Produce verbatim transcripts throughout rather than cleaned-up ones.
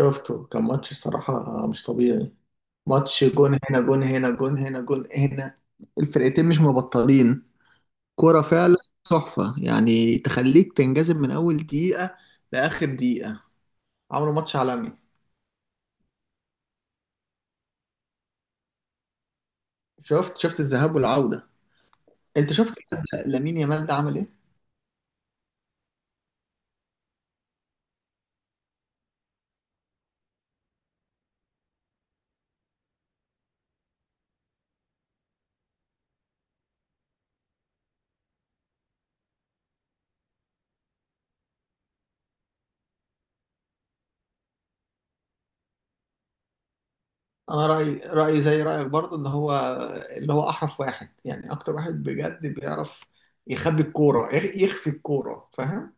شفته كان ماتش الصراحة مش طبيعي. ماتش جون هنا جون هنا جون هنا جون هنا. الفرقتين مش مبطلين. كرة فعلا تحفة، يعني تخليك تنجذب من أول دقيقة لآخر دقيقة. عملوا ماتش عالمي. شفت شفت الذهاب والعودة. أنت شفت لامين يامال ده عمل إيه؟ أنا رأيي رأيي زي رأيك برضه، إن هو اللي هو أحرف واحد، يعني أكتر واحد بجد بيعرف يخبي الكورة، يخ- يخفي الكورة، فاهم؟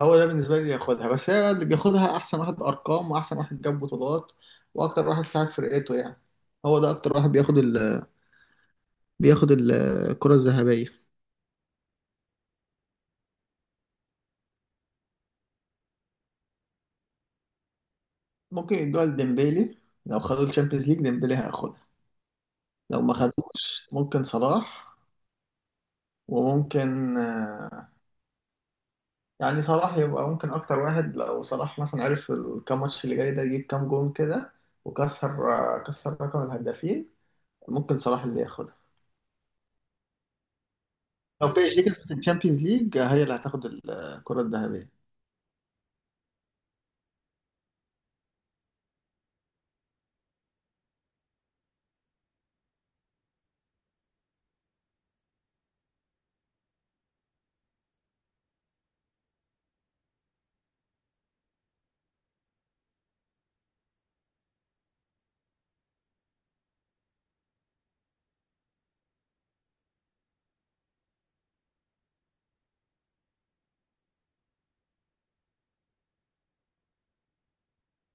هو ده بالنسبة لي اللي ياخدها، بس هي اللي بياخدها أحسن واحد أرقام، وأحسن واحد جاب بطولات، وأكتر واحد ساعد فرقته يعني. هو ده أكتر واحد بياخد ال بياخد ال- الكرة الذهبية. ممكن يدوها لديمبيلي. لو خدوا الشامبيونز ليج ديمبيلي هياخدها. لو ما خدوش ممكن صلاح، وممكن آه، يعني صلاح يبقى ممكن أكتر واحد، لو صلاح مثلا عرف الكام ماتش اللي جاي ده يجيب كام جون كده وكسر، آه، كسر رقم الهدافين، ممكن صلاح اللي ياخدها. لو بي اس جي كسبت الشامبيونز ليج هي اللي هتاخد الكرة الذهبية.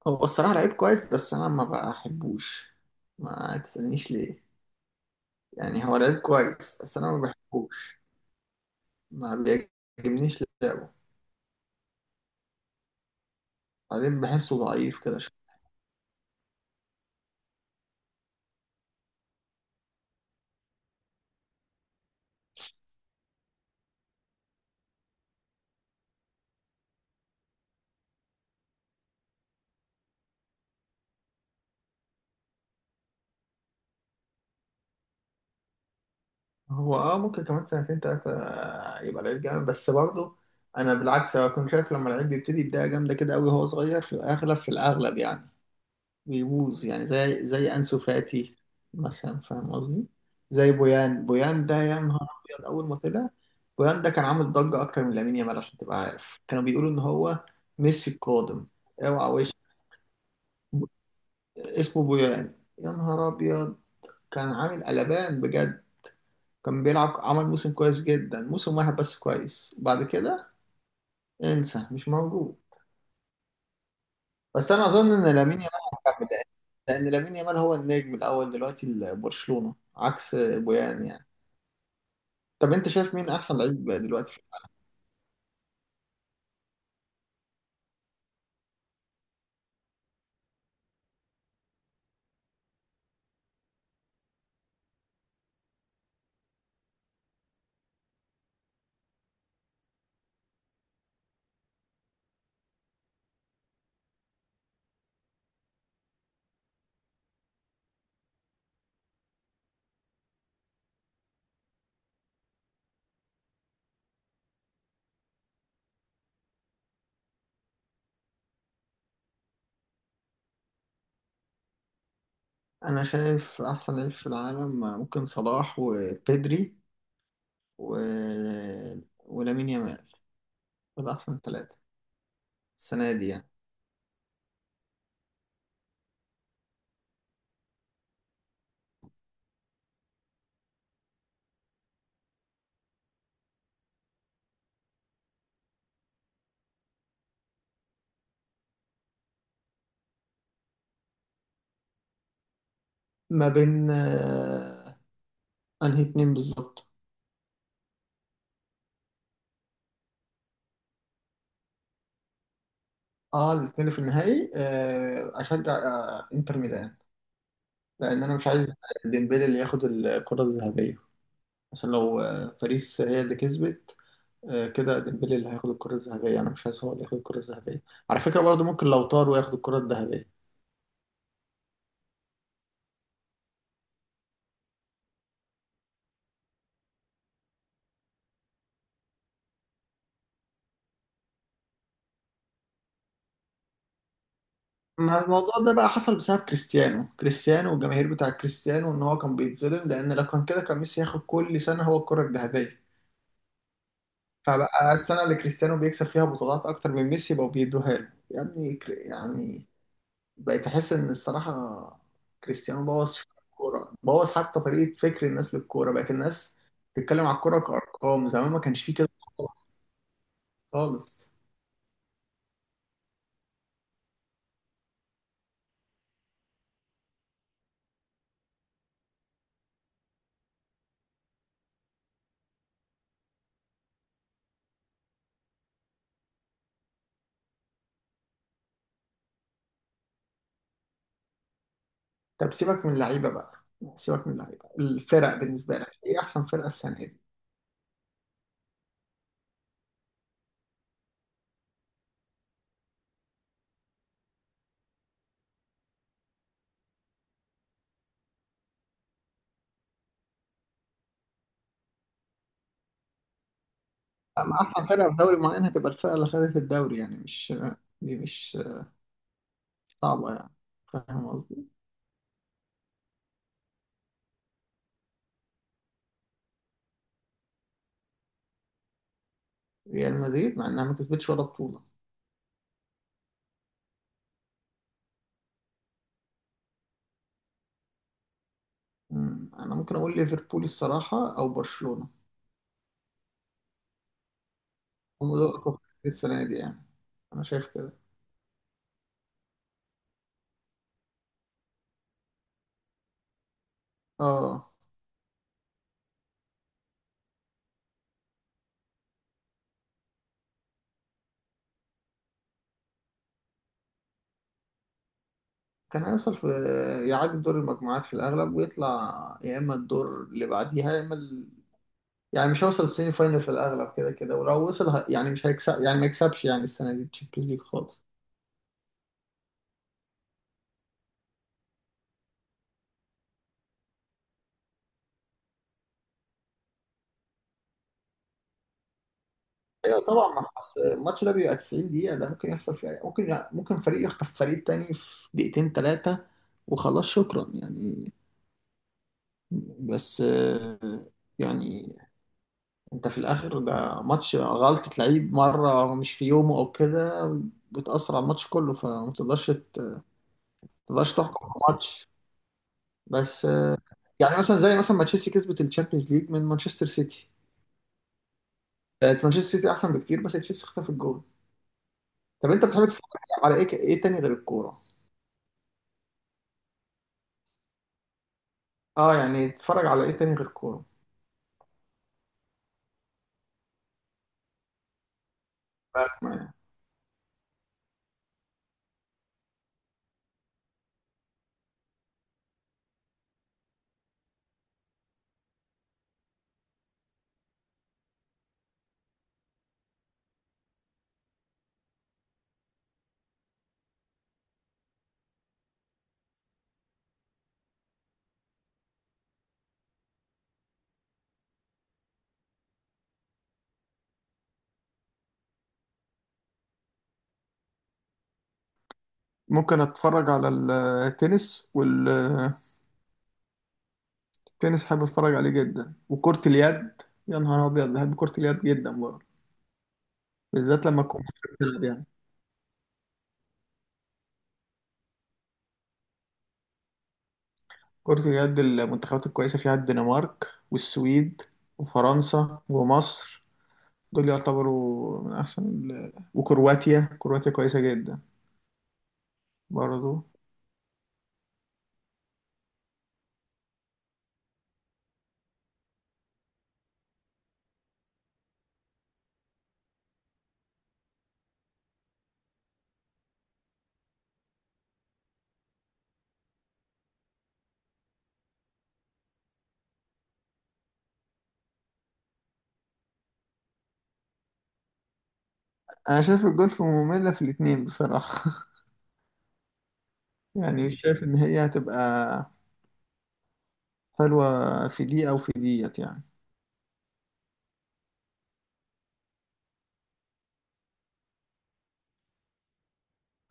هو الصراحة لعيب كويس بس أنا ما بحبوش، ما تسألنيش ليه، يعني هو لعيب كويس بس أنا ما بحبوش، ما بيعجبنيش لعبه. بعدين بحسه ضعيف كده شوية. هو اه، ممكن كمان سنتين تلاتة يبقى لعيب جامد، بس برضه أنا بالعكس، أنا كنت شايف لما لعيب بيبتدي بداية جامدة كده أوي وهو صغير، في الأغلب في الأغلب يعني بيبوظ، يعني زي زي أنسو فاتي مثلا، فاهم قصدي؟ زي بويان. بويان ده يا نهار أبيض أول ما طلع. بويان ده كان عامل ضجة أكتر من لامين يامال، عشان تبقى عارف كانوا بيقولوا إن هو ميسي القادم. اوعى وش اسمه، بويان، يا نهار أبيض. كان عامل قلبان بجد، كان بيلعب، عمل موسم كويس جدا، موسم واحد بس كويس، بعد كده انسى، مش موجود. بس أنا أظن إن لامين يامال هيكمل، لأن لأن لامين يامال هو النجم الأول دلوقتي لبرشلونة، عكس بويان يعني. طب انت شايف مين احسن لعيب بقى دلوقتي؟ انا شايف احسن لعيب في العالم ممكن صلاح وبيدري و... ولامين يامال، دول احسن ثلاثة السنة دي يعني. ما بين آه، انهي اتنين بالظبط؟ اه، الاتنين اللي في النهائي، آه، اشجع آه، انتر ميلان. لان انا مش عايز ديمبلي اللي ياخد الكرة الذهبية، عشان لو آه، باريس هي اللي كسبت، آه، كده ديمبلي اللي هياخد الكرة الذهبية، انا مش عايز هو اللي ياخد الكرة الذهبية. على فكرة برضه ممكن لو طار وياخد الكرة الذهبية. ما الموضوع ده بقى حصل بسبب كريستيانو كريستيانو والجماهير بتاع كريستيانو، ان هو كان بيتظلم، لان لو كان كده كان ميسي ياخد كل سنه هو الكره الذهبيه. فبقى السنه اللي كريستيانو بيكسب فيها بطولات اكتر من ميسي بقوا بيدوها له، يا ابني كر- يعني بقيت احس ان الصراحه كريستيانو بوظ الكوره، بوظ حتى طريقه فكر الناس للكوره، بقت الناس تتكلم على الكوره كارقام، زمان ما كانش فيه كده خالص. طب سيبك من اللعيبه بقى، سيبك من اللعيبه، الفرق بالنسبه لك ايه، احسن فرقه السنه دي؟ أما أحسن فرقة في دوري معين، هتبقى الفرقة اللي خدت الدوري يعني، مش دي مش صعبة يعني، فاهم قصدي؟ ريال مدريد مع إنها ما كسبتش ولا بطولة. أمم، أنا ممكن أقول ليفربول الصراحة أو برشلونة، هم دول أقوى فرقتين السنة دي يعني، أنا شايف كده. آه، كان هيوصل في، يعدي دور المجموعات في الأغلب، ويطلع يا إما الدور اللي بعديها يا إما ال... يعني مش هيوصل السيمي فاينل في الأغلب كده كده، ولو وصل ه... يعني مش هيكسب، يعني ما يكسبش يعني السنة دي الشامبيونز ليج خالص. ايوه طبعا، ما حص- الماتش ده بيبقى 90 دقيقة، ده ممكن يحصل فيها، ممكن ممكن فريق يخطف فريق تاني في دقيقتين تلاتة، وخلاص شكرا يعني. بس آه، يعني انت في الاخر ده ماتش، غلطة لعيب مرة مش في يومه او كده بتأثر على الماتش كله، فما تقدرش ت- ما تقدرش تحكم على الماتش. بس آه، يعني مثلا، زي مثلا ما تشيلسي كسبت الشامبيونز ليج من مانشستر سيتي، آه، مانشستر سيتي احسن بكتير بس تشيلسي خطف الجول. طب انت بتحب تتفرج على ايه، ايه تاني غير الكورة؟ اه يعني اتفرج على ايه تاني غير كورة؟ معاك معايا. ممكن اتفرج على التنس، والتنس حابب اتفرج عليه جدا، وكرة اليد، يا نهار ابيض بحب كرة اليد جدا برضه، بالذات لما تكون مصر بتلعب يعني. كرة اليد المنتخبات الكويسة فيها الدنمارك والسويد وفرنسا ومصر، دول يعتبروا من احسن ال... وكرواتيا، كرواتيا كويسة جدا برضه. انا شايف الجولف مملة في الاتنين بصراحة، يعني مش شايف ان هي هتبقى حلوة في دي أو في ديت يعني.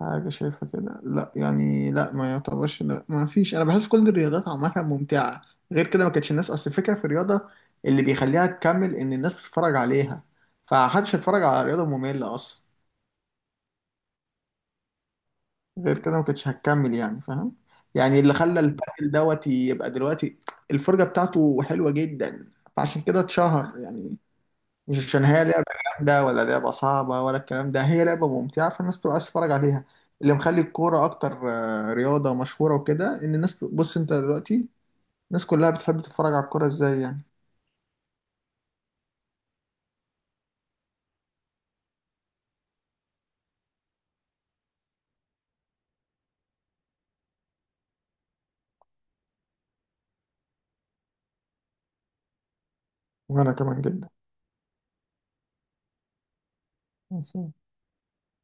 حاجة شايفها كده؟ لا يعني، لا ما يعتبرش، لا ما فيش، أنا بحس كل الرياضات عامة ممتعة، غير كده ما كانتش الناس، أصل الفكرة في الرياضة اللي بيخليها تكمل إن الناس بتتفرج عليها، فمحدش هيتفرج على رياضة مملة أصلا، غير كده ما كانتش هتكمل يعني، فاهم؟ يعني اللي خلى البادل دوت يبقى دلوقتي، الفرجة بتاعته حلوة جدا، فعشان كده اتشهر يعني، مش عشان هي لعبة جامدة ولا لعبة صعبة ولا الكلام ده، هي لعبة ممتعة فالناس بتبقى عايز تتفرج عليها. اللي مخلي الكورة أكتر آه، رياضة مشهورة وكده، إن الناس، بص أنت دلوقتي الناس كلها بتحب تتفرج على الكورة إزاي يعني. وأنا كمان جدا، بس.